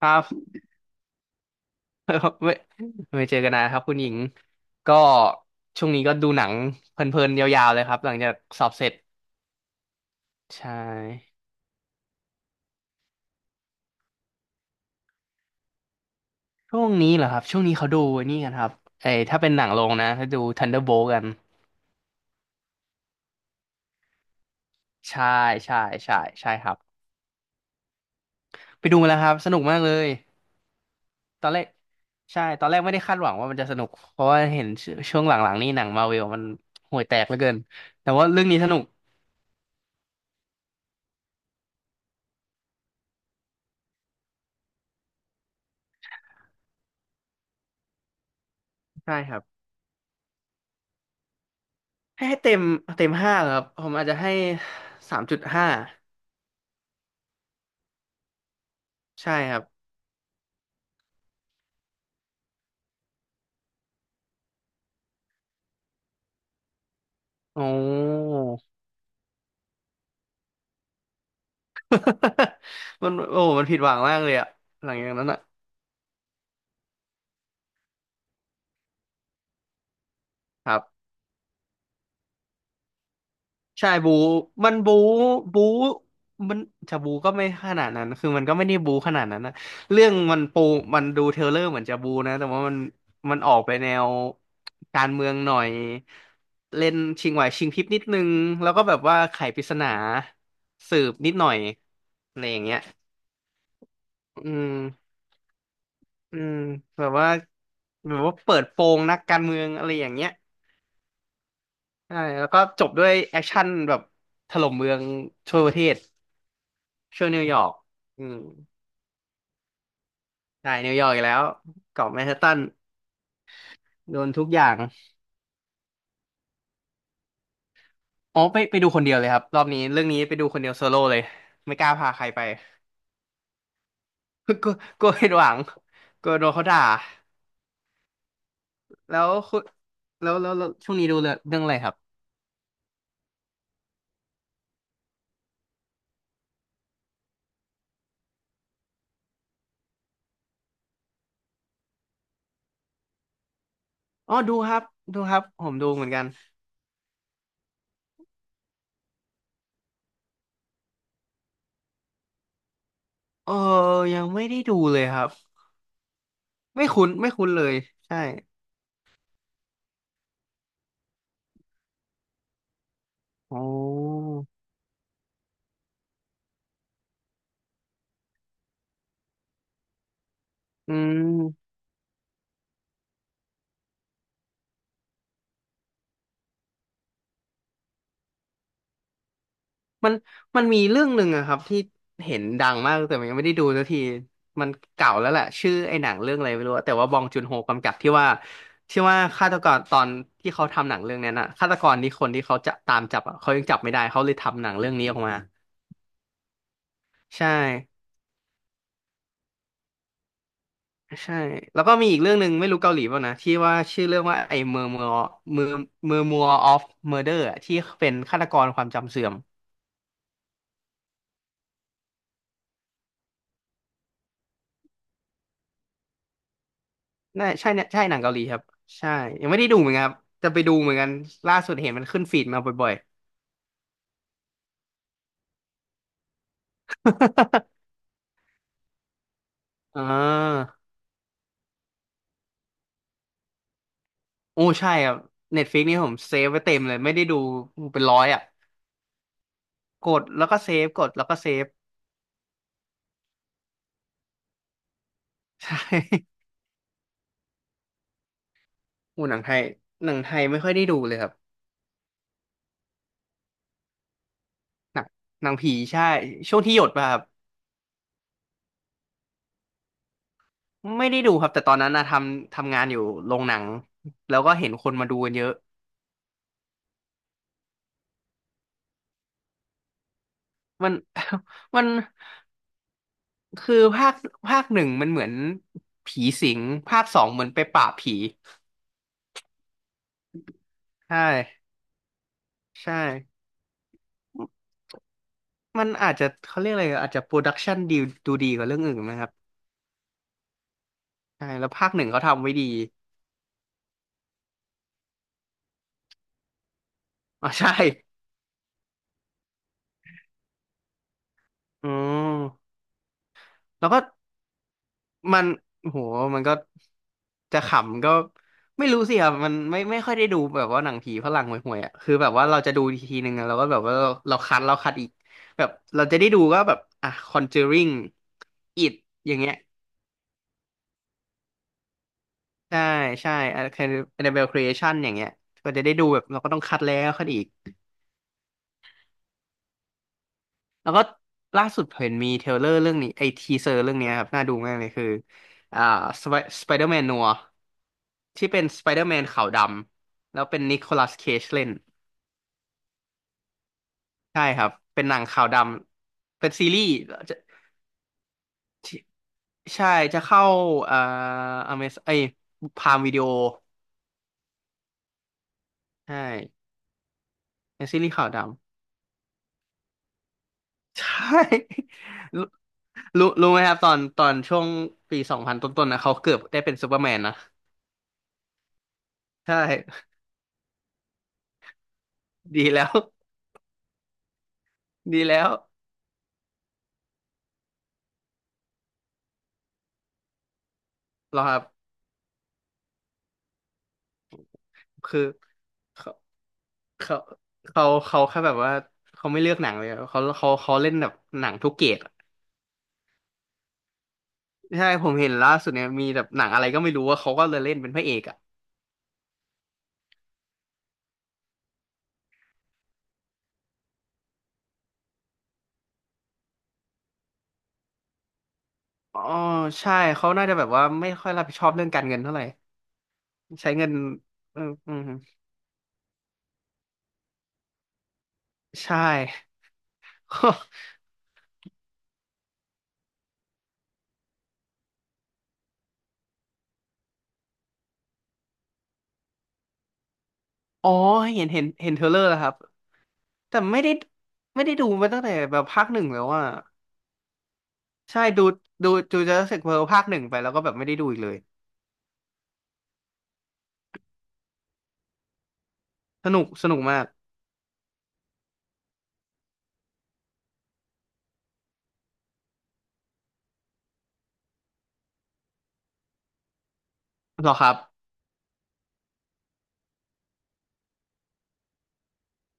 ครับ ไม่ไม่เจอกันนะครับคุณหญิงก็ช่วงนี้ก็ดูหนังเพลินๆยาวๆเลยครับหลังจากสอบเสร็จใช่ช่วงนี้เหรอครับช่วงนี้เขาดูไอ้นี่กันครับไอ้ถ้าเป็นหนังโรงนะเขาดู Thunderbolt กันใช่ใช่ใช่ใช่ครับไปดูมาแล้วครับสนุกมากเลยตอนแรกใช่ตอนแรกไม่ได้คาดหวังว่ามันจะสนุกเพราะว่าเห็นช่วงหลังๆนี่หนังมาร์เวลมันห่วยแตกเหลือเกินแต่ว่าเรื่องนี้สนุกใช่ครับให้เต็มห้าครับผมอาจจะให้3.5 ใช่ครับโอ้ โอ้มันผิดหวังมากเลยอะหลังจากนั้นอะครับ ใช่บูมันบูบูมันจะบูก็ไม่ขนาดนั้นคือมันก็ไม่ได้บูขนาดนั้นนะเรื่องมันปูมันดูเทรลเลอร์เหมือนจะบูนะแต่ว่ามันออกไปแนวการเมืองหน่อยเล่นชิงไหวชิงพริบนิดนึงแล้วก็แบบว่าไขปริศนาสืบนิดหน่อยอะไรอย่างเงี้ยอืม อืมแบบว่าแบบว่าเปิดโปงนักการเมืองอะไรอย่างเงี้ยใช่แล้วก็จบด้วยแอคชั่นแบบถล่มเมืองทั่วประเทศช่วนิวยอร์กอืมใช่นิวยอร์กอีกแล้วเกาะแมนฮัตตันโดนทุกอย่างอ๋อไปดูคนเดียวเลยครับรอบนี้เรื่องนี้ไปดูคนเดียวโซโล่เลยไม่กล้าพาใครไป กลัวกลัวผิดหวังกลัวโดนเขาด่าแล้วคุณแล้วแล้วแล้วช่วงนี้ดูเรื่องอะไรครับอ๋อดูครับดูครับผมดูเหมือนกันเออยังไม่ได้ดูเลยครับ ไม่คุ้นไม่คุ้นเลยใช่อ๋ออืมมันมันมีเรื่องหนึ่งอะครับที่เห็นดังมากแต่มันยังไม่ได้ดูสักทีมันเก่าแล้วแหละชื่อไอ้หนังเรื่องอะไรไม่รู้อะแต่ว่าบองจุนโฮกำกับที่ว่าฆาตกรตอนที่เขาทำหนังเรื่องนั้นอะฆาตกรนี่คนที่เขาจะตามจับอะเขายังจับไม่ได้เขาเลยทำหนังเรื่องนี้ออกมาใช่ใช่แล้วก็มีอีกเรื่องหนึ่งไม่รู้เกาหลีเปล่านะที่ว่าชื่อเรื่องว่าไอ้เมอร์เมอร์มัวออฟเมอร์เดอร์ที่เป็นฆาตกรความจำเสื่อม น่าใช่เนี่ยใช่หนังเกาหลีครับใช่ยังไม่ได้ดูเหมือนกันครับจะไปดูเหมือนกันล่าสุดเห็นมันขึ้นฟีดมาบ่อยๆ โอ้ใช่ครับเน็ตฟ i ิกนี่ผมเซฟไว้เต็มเลยไม่ได้ดูเป็นร้อยอ่ะกดแล้วก็เซฟกดแล้วก็เซฟ ใช่โอ้หนังไทยหนังไทยไม่ค่อยได้ดูเลยครับหนังหนังผีใช่ช่วงที่หยดมาครับไม่ได้ดูครับแต่ตอนนั้นนะทำงานอยู่โรงหนังแล้วก็เห็นคนมาดูกันเยอะมัน มัน คือภาคหนึ่งมันเหมือนผีสิงภาคสองเหมือนไปปราบผีใช่ใช่มันอาจจะเขาเรียกอะไรอาจจะโปรดักชันดีดูดีกว่าเรื่องอื่นนะครับใช่แล้วภาคหนึ่งเขาทำไว้ดีอ๋อใช่อืมแล้วก็มันโหมันก็จะขำก็ไม่รู้สิครับมันไม่ไม่ค่อยได้ดูแบบว่าหนังผีฝรั่งห่วยๆอ่ะคือแบบว่าเราจะดูทีนึงอะเราก็แบบว่าเราคัดเราคัดอีกแบบเราจะได้ดูก็แบบอ่ะ Conjuring It อย่างเงี้ย ใช่ใช่อันเดเบลครีเอชันอย่างเงี้ยก็จะได้ดูแบบเราก็ต้องคัดแล้วคัดอีกแล้วก็ล่าสุดเห็นมีเทรลเลอร์เรื่องนี้ไอทีเซอร์เรื่องเนี้ยครับน่าดูมากเลยคืออ่าสไปสไปเดอร์แมนนัวที่เป็นสไปเดอร์แมนขาวดำแล้วเป็นนิโคลัสเคจเล่นใช่ครับเป็นหนังขาวดำเป็นซีรีส์จะที่ใช่จะเข้าเอ่ออเมซไอพามวิดีโอใช่เป็นซีรีส์ขาวด ใช่ รู้รู้ไหมครับตอนช่วงปี2000ต้นๆนะเขาเกือบได้เป็นซูเปอร์แมนนะใช่ ดีแล้ว ดีแล้วเหรอครับคือเขาเขาเขาแค่แบบว่าเขาไม่เลือกหนังเลยอะเขาเล่นแบบหนังทุกเกรดอะใช่ผมเห็นล่าสุดเนี่ยมีแบบหนังอะไรก็ไม่รู้ว่าเขาก็เลยเล่นเป็นพระเอกอ่ะอ๋อใช่เขาน่าจะแบบว่าไม่ค่อยรับผิดชอบเรื่องการเงินเท่าไหร่ใช้เงินเอออืมใช่ อ๋อเห็นเทรลเลอร์แล้วครับ แต่ไม่ได้ดูมาตั้งแต่แบบภาคหนึ่งแล้วอ่ะใช่ดู Jurassic World ภาคหนึ่งไปแล้วก็แบบไม่ได้ดูอีกเลยสนุกสนุกมากเหรอครับ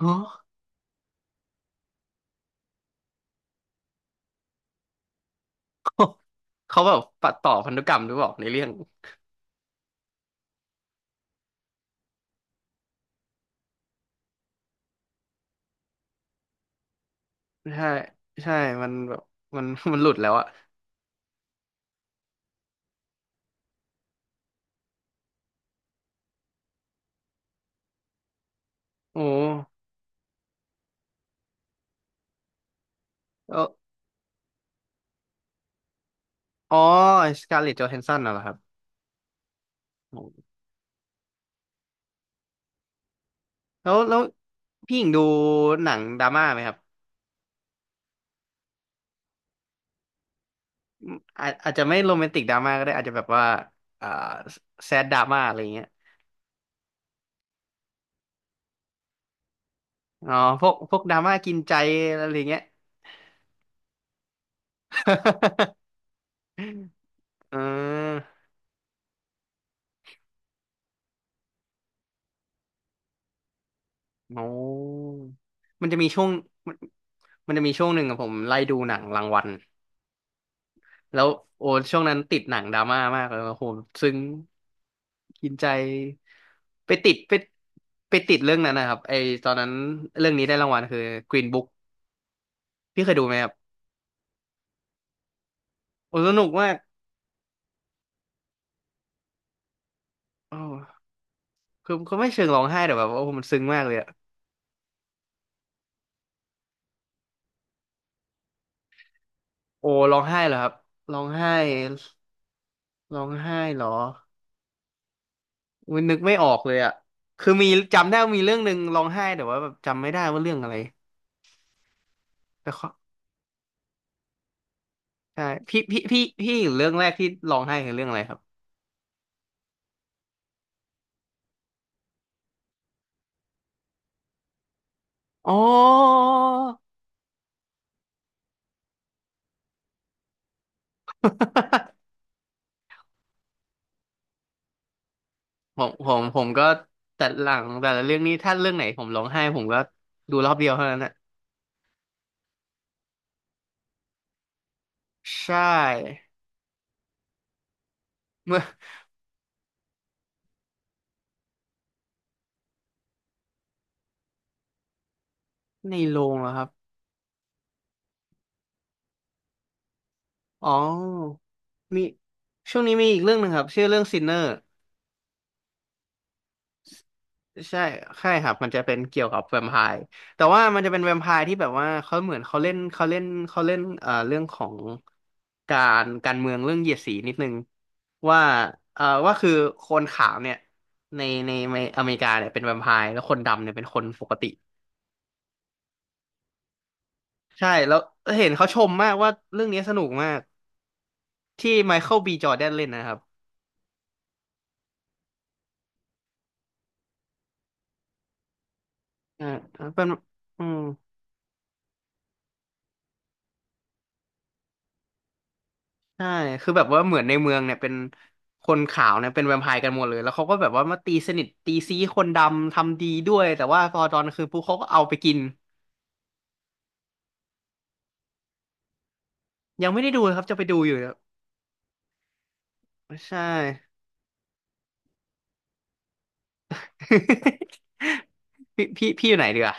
ฮะ เขาแบบปัดต่อพันธุกรรมหรือเปล่าในเรื่องใช่ใช่มันแบบมันมันหลุดแล้วอะโอ้แล้วอ๋อสการ์เล็ตจอห์นสันน่ะเหรอครับโอ้แล้วพี่หญิงดูหนังดราม่าไหมครับอาจจะไม่โรแมนติกดราม่าก็ได้อาจจะแบบว่าอ่าแซดดราม่าอะไรเงี้ย อ๋อพวกดราม่ากินใจอะไรอย่างเงี้ย เออโอ้มันจะมีช่วงมันมันจะมีช่วงหนึ่งอะผมไล่ดูหนังรางวัลแล้วโอ้ช่วงนั้นติดหนังดราม่ามากเลยโอ้โหซึ้งกินใจไปติดไปไปติดเรื่องนั้นนะครับไอตอนนั้นเรื่องนี้ได้รางวัลคือ Green Book พี่เคยดูไหมครับโอ้สนุกมากโอ้คือคือไม่เชิงร้องไห้แต่แบบว่าโอ้มันซึ้งมากเลยอะโอ้ร้องไห้เหรอครับร้องไห้ร้องไห้เหรอ อุ๊ยนึกไม่ออกเลยอ่ะคือมีจำได้ว่ามีเรื่องหนึ่งร้องไห้แต่ว่าแบบจำไม่ได้ว่าเรื่องอะไรแต่เขอใช่พี่เรื่องแรกที่ร้องไห้คือเรื่องอะไรครับอ๋อ ผมก็แต่หลังแต่ละเรื่องนี้ถ้าเรื่องไหนผมร้องไห้ผมก็ดูรอบเดียวเท่านั้นอ่ะใช่ เมื่อในโรงเหรอครับอ๋อมีช่วงนี้มีอีกเรื่องหนึ่งครับชื่อเรื่องซินเนอร์ ใช่ใช่ครับ มันจะเป็นเกี่ยวกับแวมไพร์แต่ว่ามันจะเป็นแวมไพร์ที่แบบว่าเขาเหมือนเขาเล่นเรื่องของการเมืองเรื่องเหยียดสีนิดนึงว่าว่าคือคนขาวเนี่ยในในอเมริกาเนี่ยเป็นแวมไพร์แล้วคนดำเนี่ยเป็นคนปกติใช่แล้วเห็นเขาชมมากว่าเรื่องนี้สนุกมากที่ไมเคิลบีจอร์แดนเล่นนะครับอ่าเป็นอืม ใช่คือแบบว่าเหมือนในเมืองเนี่ยเป็นคนขาวเนี่ยเป็นแวมไพร์กันหมดเลย แล้วเขาก็แบบว่ามาตีสนิทตีซี้คนดำทำดีด้วยแต่ว่าพอตอนกลางคืนปุ๊บเขาก็เอาไปกินยังไม่ได้ดูเลยครับจะไปดูอยู่เนี่ยใช่ พี่อยู่ไหนเดีอ่ะ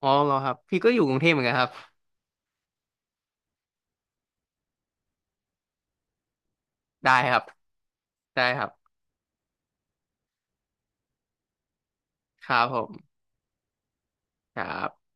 อ๋อเหรอครับ พี่ก็อยู่กรุงเทพเหมือนกันครับได้ครับ ได้ครับ ครับผมครับ